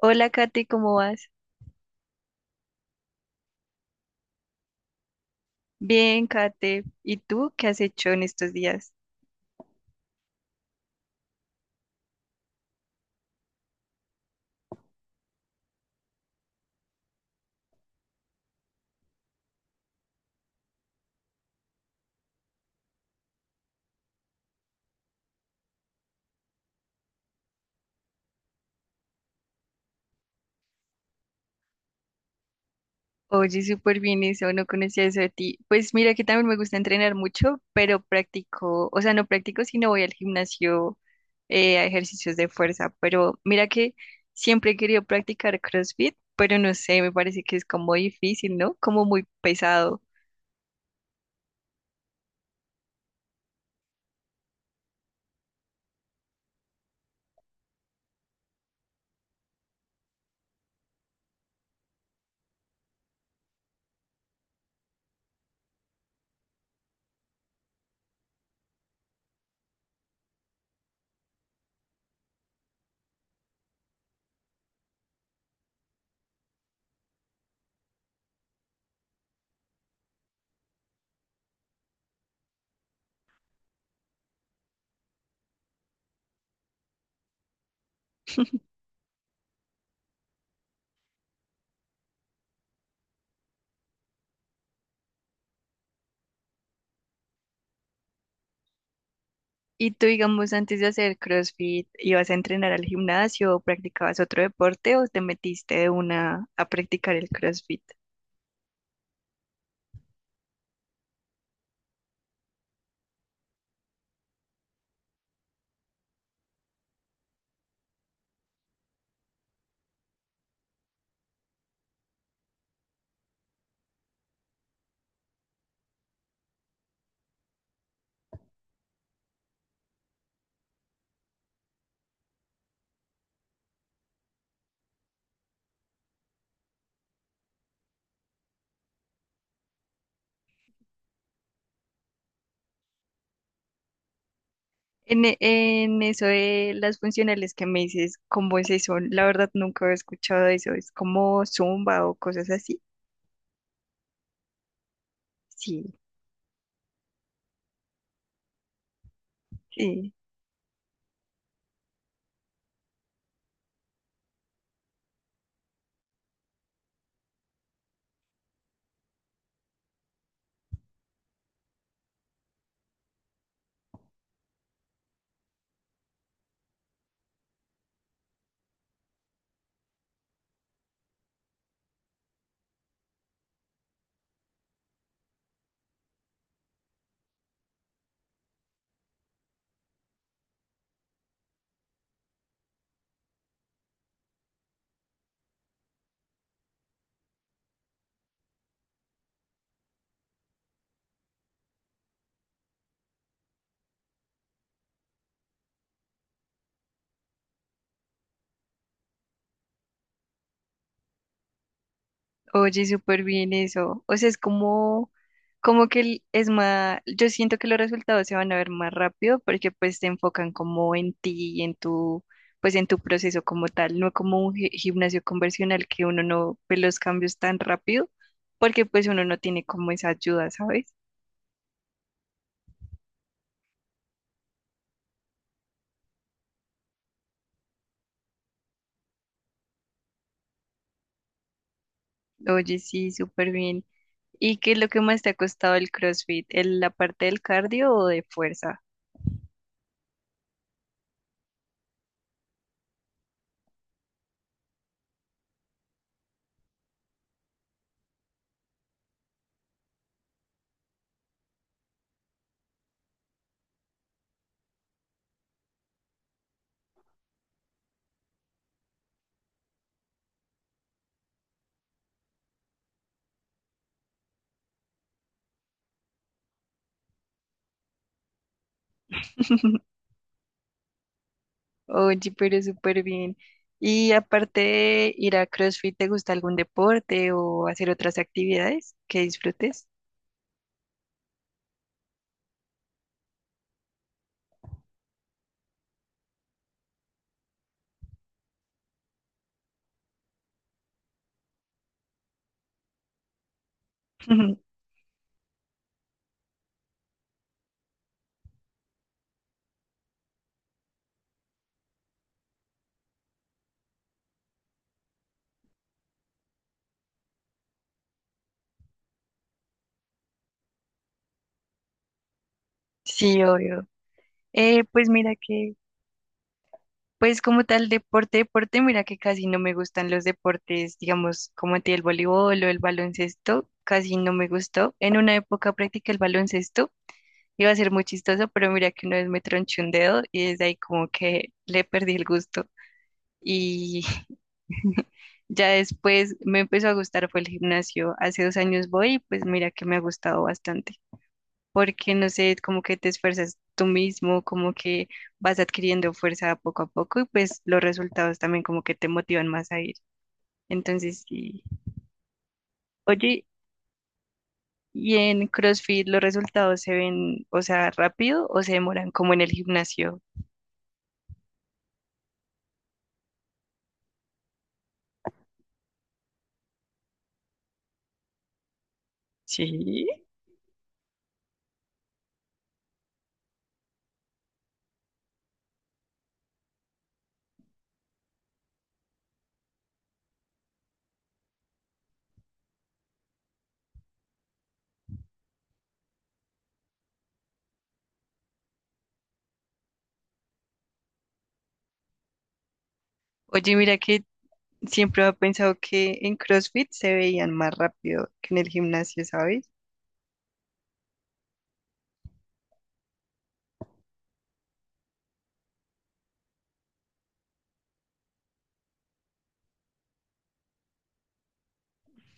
Hola, Kate, ¿cómo vas? Bien, Kate. ¿Y tú qué has hecho en estos días? Oye, súper bien eso, no conocía eso de ti. Pues mira que también me gusta entrenar mucho, pero practico, o sea, no practico, sino voy al gimnasio a ejercicios de fuerza. Pero mira que siempre he querido practicar CrossFit, pero no sé, me parece que es como difícil, ¿no? Como muy pesado. ¿Y tú, digamos, antes de hacer CrossFit, ibas a entrenar al gimnasio o practicabas otro deporte o te metiste de una a practicar el CrossFit? En, en eso de las funcionales que me dices, ¿cómo es eso? La verdad nunca he escuchado eso. ¿Es como zumba o cosas así? Sí, sí. Oye, súper bien eso. O sea, es como, como que es más, yo siento que los resultados se van a ver más rápido porque pues te enfocan como en ti y en tu, pues en tu proceso como tal, no como un gimnasio convencional que uno no ve los cambios tan rápido porque pues uno no tiene como esa ayuda, ¿sabes? Oye, sí, súper bien. ¿Y qué es lo que más te ha costado el CrossFit? La parte del cardio o de fuerza? Oye, pero súper bien. Y aparte de ir a CrossFit, ¿te gusta algún deporte o hacer otras actividades que disfrutes? Sí, obvio. Pues mira que, pues como tal deporte, deporte, mira que casi no me gustan los deportes, digamos, como a ti el voleibol o el baloncesto, casi no me gustó. En una época practiqué el baloncesto, iba a ser muy chistoso, pero mira que una vez me tronché un dedo y desde ahí como que le perdí el gusto. Y ya después me empezó a gustar, fue el gimnasio. Hace 2 años voy y pues mira que me ha gustado bastante, porque no sé, como que te esfuerzas tú mismo, como que vas adquiriendo fuerza poco a poco y pues los resultados también como que te motivan más a ir. Entonces, sí. Oye, ¿y en CrossFit los resultados se ven, o sea, rápido o se demoran como en el gimnasio? Sí. Oye, mira que siempre he pensado que en CrossFit se veían más rápido que en el gimnasio, ¿sabes?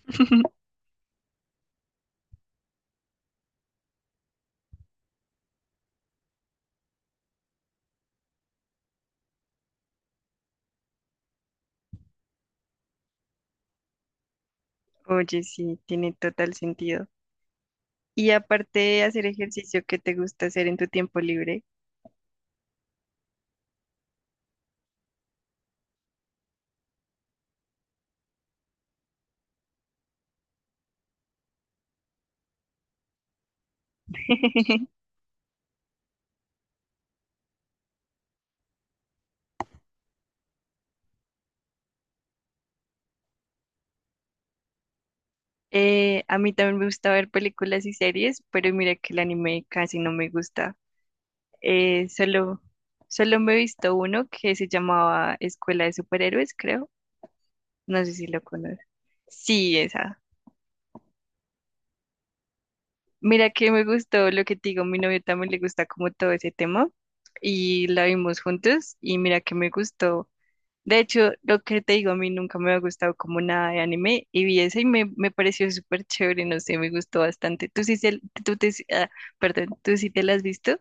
Oye, sí, tiene total sentido. Y aparte de hacer ejercicio que te gusta hacer en tu tiempo libre, a mí también me gusta ver películas y series, pero mira que el anime casi no me gusta. Eh, solo, solo me he visto uno que se llamaba Escuela de Superhéroes, creo. No sé si lo conoces. Sí, esa. Mira que me gustó lo que te digo, mi novio también le gusta como todo ese tema y la vimos juntos y mira que me gustó. De hecho, lo que te digo, a mí nunca me ha gustado como nada de anime y vi ese y me pareció súper chévere, no sé, me gustó bastante. ¿Tú sí, tú te, ah, ¿tú sí te la has visto?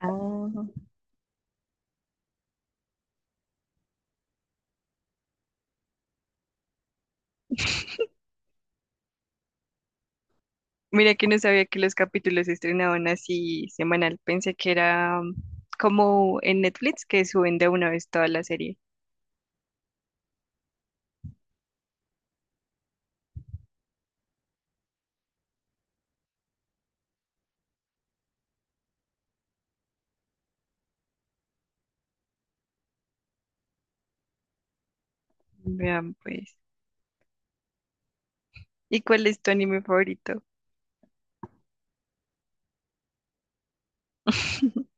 Ah. Mira que no sabía que los capítulos se estrenaban así semanal, pensé que era como en Netflix que suben de una vez toda la serie. Vean pues. ¿Y cuál es tu anime favorito?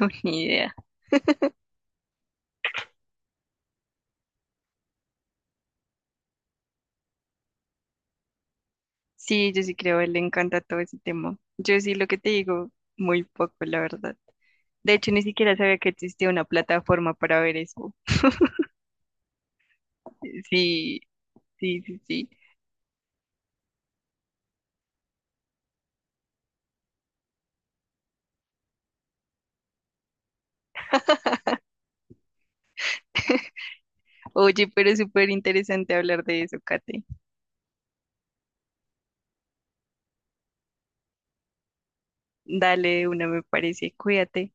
No, ni idea. Sí, yo sí creo, a él le encanta todo ese tema. Yo sí lo que te digo, muy poco, la verdad. De hecho, ni siquiera sabía que existía una plataforma para ver eso. Sí, sí, sí, sí. Oye, pero es súper interesante hablar de eso, Kate. Dale, una me parece, cuídate.